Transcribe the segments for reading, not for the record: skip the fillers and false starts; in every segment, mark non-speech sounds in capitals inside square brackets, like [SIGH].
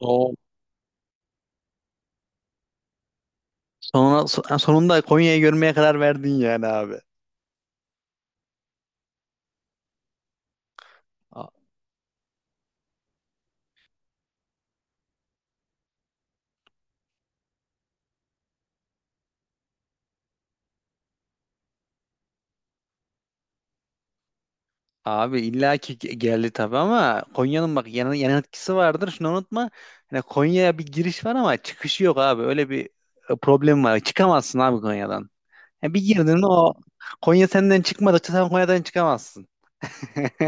O sonra sonunda Konya'yı görmeye karar verdin yani abi. A- Abi illa ki geldi tabii ama Konya'nın bak yan etkisi vardır. Şunu unutma. Yani Konya'ya bir giriş var ama çıkışı yok abi. Öyle bir problem var. Çıkamazsın abi Konya'dan. Yani bir girdin o Konya senden çıkmadıkça sen Konya'dan çıkamazsın. [LAUGHS]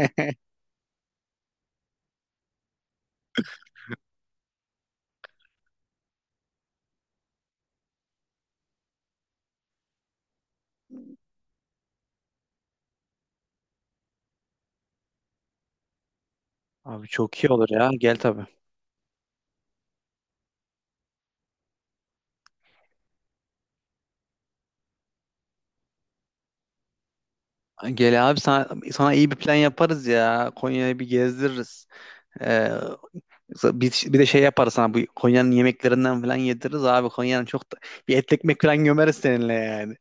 Abi çok iyi olur ya. Gel tabii. Gel abi sana iyi bir plan yaparız ya. Konya'yı bir gezdiririz. E, bir de şey yaparız sana bu Konya'nın yemeklerinden falan yediririz abi. Konya'nın çok da, bir et ekmek falan gömeriz seninle yani.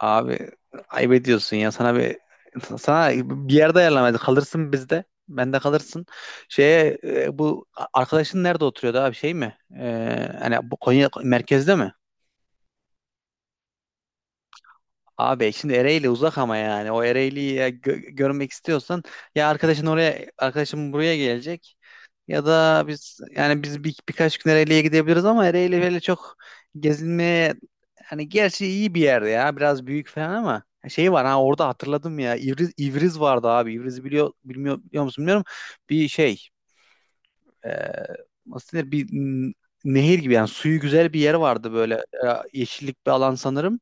Abi ayıp ediyorsun ya sana bir yerde ayarlamayız. Kalırsın bizde. Bende kalırsın. Bu arkadaşın nerede oturuyordu abi şey mi? E, hani bu Konya merkezde mi? Abi şimdi Ereğli uzak ama yani o Ereğli'yi ya görmek istiyorsan ya arkadaşın oraya arkadaşım buraya gelecek. Ya da biz birkaç gün Ereğli'ye gidebiliriz ama Ereğli böyle çok gezilmeye, hani gerçi iyi bir yer ya biraz büyük falan ama şey var ha orada hatırladım ya İvriz vardı abi, İvriz'i biliyor bilmiyor, biliyor musun bilmiyorum bir şey, e, nasıl denir bir nehir gibi yani suyu güzel bir yer vardı böyle, yeşillik bir alan sanırım.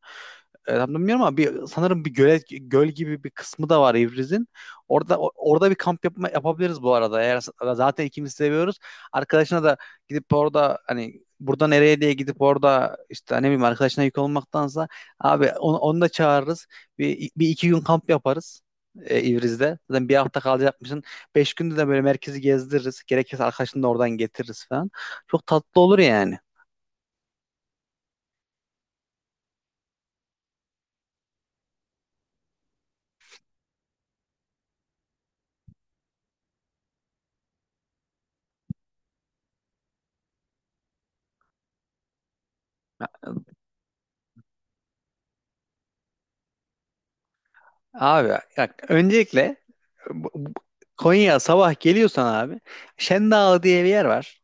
E, tam da bilmiyorum ama bir, sanırım bir göl gibi bir kısmı da var İvriz'in. Orada orada bir yapabiliriz bu arada. Eğer zaten ikimiz seviyoruz. Arkadaşına da gidip orada hani burada nereye diye gidip orada işte ne bileyim arkadaşına yük olmaktansa abi onu da çağırırız. Bir iki gün kamp yaparız İvriz'de. Zaten bir hafta kalacakmışsın. Beş günde de böyle merkezi gezdiririz. Gerekirse arkadaşını da oradan getiririz falan. Çok tatlı olur yani. Abi bak öncelikle bu- bu- Konya'ya sabah geliyorsan abi Şendağ diye bir yer var.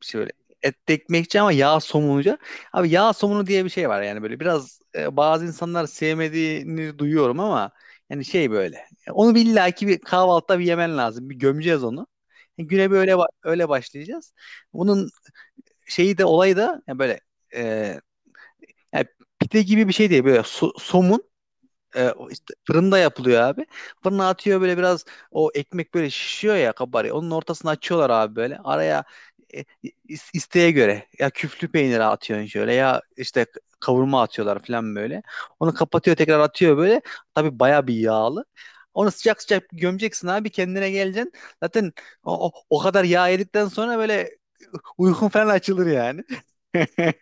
Şey böyle etli ekmekçi ama yağ somunucu. Abi yağ somunu diye bir şey var yani böyle biraz bazı insanlar sevmediğini duyuyorum ama yani şey böyle. Onu bir illaki bir kahvaltıda bir yemen lazım. Bir gömeceğiz onu. E, güne böyle öyle başlayacağız. Bunun şeyi de olayı da yani böyle, e, yani pide gibi bir şey değil. Böyle somun, o işte fırında yapılıyor abi. Fırına atıyor böyle biraz o ekmek böyle şişiyor ya kabarıyor. Onun ortasını açıyorlar abi böyle. Araya e, isteğe göre ya küflü peynir atıyorsun şöyle ya işte kavurma atıyorlar falan böyle. Onu kapatıyor tekrar atıyor böyle. Tabii baya bir yağlı. Onu sıcak sıcak gömeceksin abi kendine geleceksin. Zaten o kadar yağ yedikten sonra böyle, uykun falan açılır yani. [LAUGHS]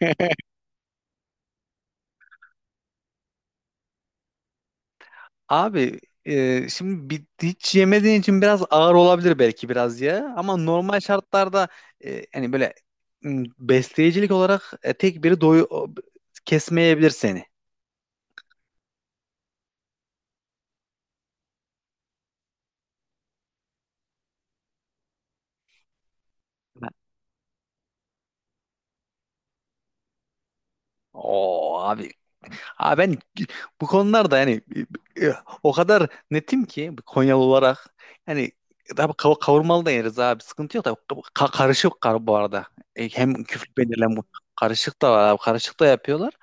Abi şimdi bir, hiç yemediğin için biraz ağır olabilir belki biraz ya. Ama normal şartlarda, hani böyle, besleyicilik olarak tek biri kesmeyebilir seni. O abi, abi ben bu konularda yani, e, e, o kadar netim ki Konyalı olarak, yani tabii kavurmalı da yeriz abi sıkıntı yok da, karışık kar bu arada. E, hem küflü belirlem bu karışık da var abi karışık da yapıyorlar.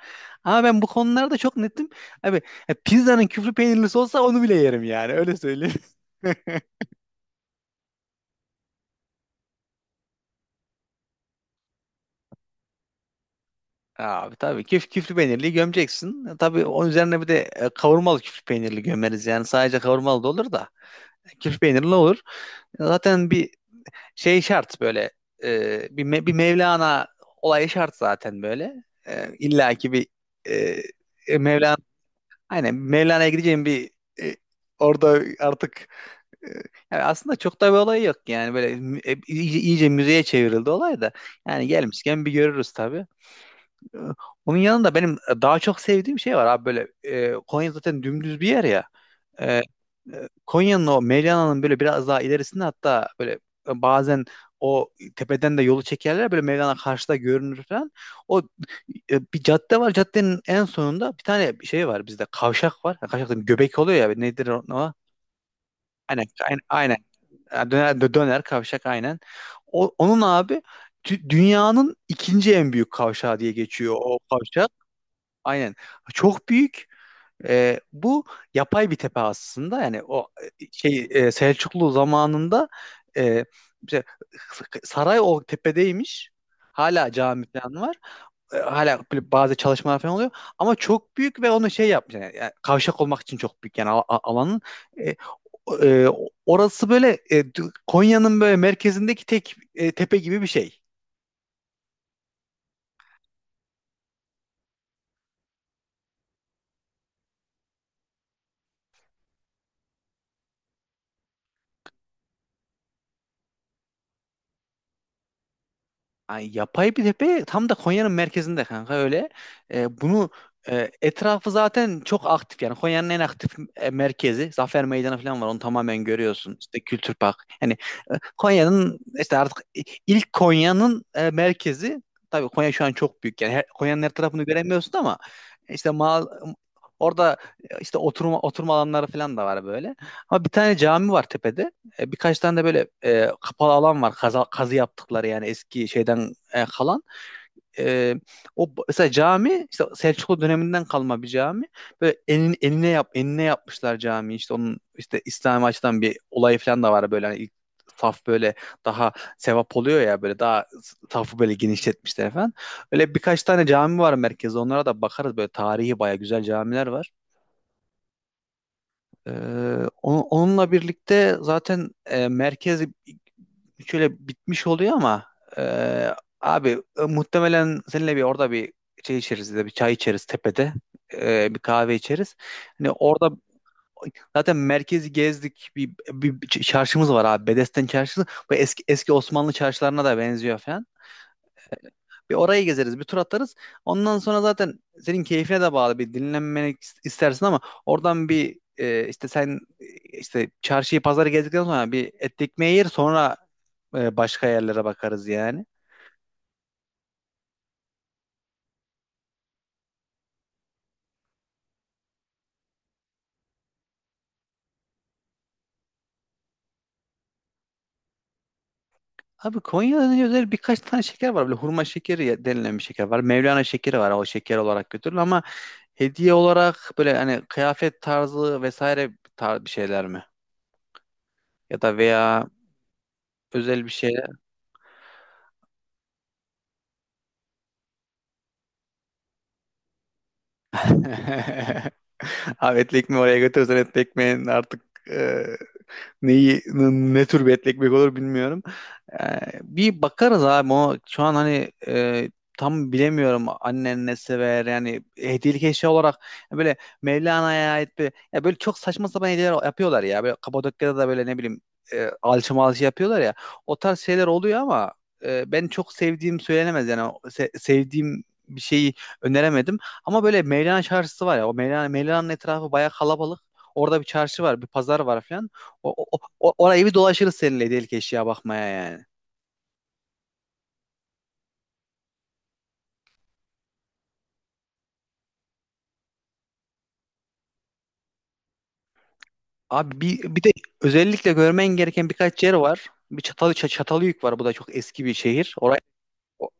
Ama ben bu konularda çok netim. Abi pizzanın küflü peynirlisi olsa onu bile yerim yani öyle söyleyeyim. [LAUGHS] Abi tabii küflü peynirli gömeceksin. E, tabii onun üzerine bir de kavurmalı küflü peynirli gömeriz. Yani sadece kavurmalı da olur da. Küflü peynirli olur. E, zaten bir şey şart böyle, bir Mevlana olayı şart zaten böyle. E, illa ki bir, e, Mevlana, aynen Mevlana'ya gideceğim bir, e, orada artık, e, yani aslında çok da bir olay yok yani böyle iyice müzeye çevrildi olay da, yani gelmişken bir görürüz tabii. E, onun yanında benim daha çok sevdiğim şey var abi böyle, Konya zaten dümdüz bir yer ya. E, Konya'nın o Mevlana'nın böyle biraz daha ilerisinde hatta böyle, bazen o tepeden de yolu çekerler böyle Mevlana karşıda görünür falan. O bir cadde var. Caddenin en sonunda bir tane şey var bizde kavşak var. Ha, kavşak dedim, göbek oluyor ya nedir o? Aynen, aynen, aynen. Ha, döner kavşak aynen. Onun abi dünyanın ikinci en büyük kavşağı diye geçiyor o kavşak. Aynen. Çok büyük. E, bu yapay bir tepe aslında yani o, Selçuklu zamanında, e, işte saray o tepedeymiş. Hala cami falan var. E, hala böyle bazı çalışmalar falan oluyor. Ama çok büyük ve onu şey yapmış. Yani kavşak olmak için çok büyük yani alanın. E, o- e, orası böyle, Konya'nın böyle merkezindeki tek, tepe gibi bir şey. Ay, yapay bir tepe tam da Konya'nın merkezinde kanka öyle. E, bunu etrafı zaten çok aktif yani Konya'nın en aktif merkezi, Zafer Meydanı falan var onu tamamen görüyorsun. İşte Kültür Park. Yani Konya'nın işte artık ilk Konya'nın merkezi, tabii Konya şu an çok büyük yani her, Konya'nın her tarafını göremiyorsun ama işte mal orada işte oturma alanları falan da var böyle. Ama bir tane cami var tepede. E, birkaç tane de böyle kapalı alan var. Kazı yaptıkları yani eski şeyden kalan. E, o mesela cami işte Selçuklu döneminden kalma bir cami. Böyle enine enine yapmışlar cami. İşte onun işte İslami açıdan bir olayı falan da var böyle hani ilk saf böyle daha sevap oluyor ya böyle daha safı böyle genişletmişler falan. Öyle birkaç tane cami var merkezde. Onlara da bakarız böyle tarihi baya güzel camiler var. E, onunla birlikte zaten merkez şöyle bitmiş oluyor ama, e, abi muhtemelen seninle bir orada bir şey içeriz de bir çay içeriz tepede. E, bir kahve içeriz. Hani orada zaten merkezi gezdik, bir çarşımız var abi, Bedesten çarşısı. Bu eski eski Osmanlı çarşılarına da benziyor falan. Bir orayı gezeriz, bir tur atarız. Ondan sonra zaten senin keyfine de bağlı bir dinlenmeni istersin ama oradan bir, işte çarşıyı pazarı gezdikten sonra bir et ekmeği yer sonra başka yerlere bakarız yani. Abi Konya'da özel birkaç tane şeker var. Böyle hurma şekeri denilen bir şeker var. Mevlana şekeri var. O şeker olarak götürülür ama hediye olarak böyle hani kıyafet tarzı vesaire tar bir şeyler mi? Ya da veya özel bir şey. [LAUGHS] Ahmet Ekmek'i oraya götürürsen Ahmet Ekmek'in artık, e, neyi, ne tür bir etli ekmek olur bilmiyorum. Bir bakarız abi o şu an hani tam bilemiyorum annen ne sever yani hediyelik eşya olarak böyle Mevlana'ya ait bir ya böyle çok saçma sapan hediyeler yapıyorlar ya böyle Kapadokya'da da böyle ne bileyim alçı malçı yapıyorlar ya o tarz şeyler oluyor ama ben çok sevdiğim söylenemez yani. O sevdiğim bir şeyi öneremedim ama böyle Mevlana çarşısı var ya o Mevlana'nın etrafı bayağı kalabalık, orada bir çarşı var bir pazar var falan, orayı bir dolaşırız seninle delik eşya bakmaya yani. Abi bir de özellikle görmen gereken birkaç yer var. Bir Çatalhöyük var. Bu da çok eski bir şehir. O-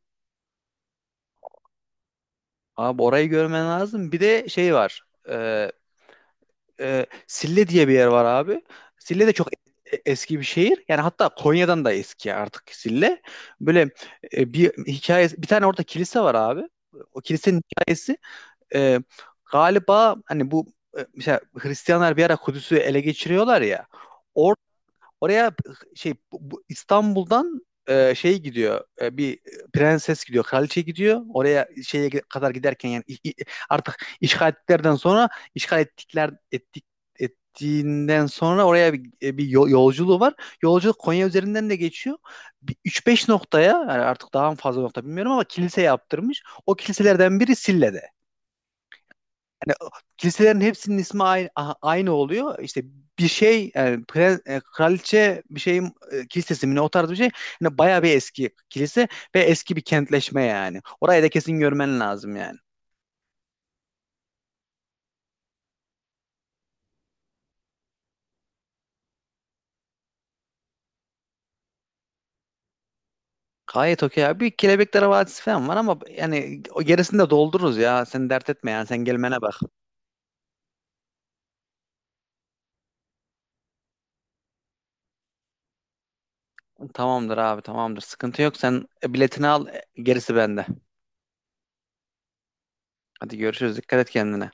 abi orayı görmen lazım. Bir de şey var. Ee, Sille diye bir yer var abi. Sille de çok eski bir şehir. Yani hatta Konya'dan da eski artık Sille. Böyle bir hikayesi, bir tane orada kilise var abi. O kilisenin hikayesi, e, galiba hani bu mesela Hristiyanlar bir ara Kudüs'ü ele geçiriyorlar ya. Or oraya şey bu İstanbul'dan gidiyor. E, bir prenses gidiyor, kraliçe gidiyor. Oraya şeye kadar giderken yani artık işgal ettiklerden sonra, işgal ettikler ettik ettiğinden sonra oraya bir, yolculuğu var. Yolculuk Konya üzerinden de geçiyor. Bir 3-5 noktaya yani artık daha mı fazla nokta bilmiyorum ama kilise yaptırmış. O kiliselerden biri Sille'de. Hani kiliselerin hepsinin ismi aynı oluyor. İşte bir şey yani kraliçe bir şeyin kilisesi mi ne o tarz bir şey. Hani bayağı bir eski kilise ve eski bir kentleşme yani. Orayı da kesin görmen lazım yani. Gayet okey abi. Bir Kelebekler Vadisi falan var ama yani o gerisini de doldururuz ya. Sen dert etme yani. Sen gelmene bak. Tamamdır abi, tamamdır. Sıkıntı yok. Sen biletini al. E, gerisi bende. Hadi görüşürüz. Dikkat et kendine.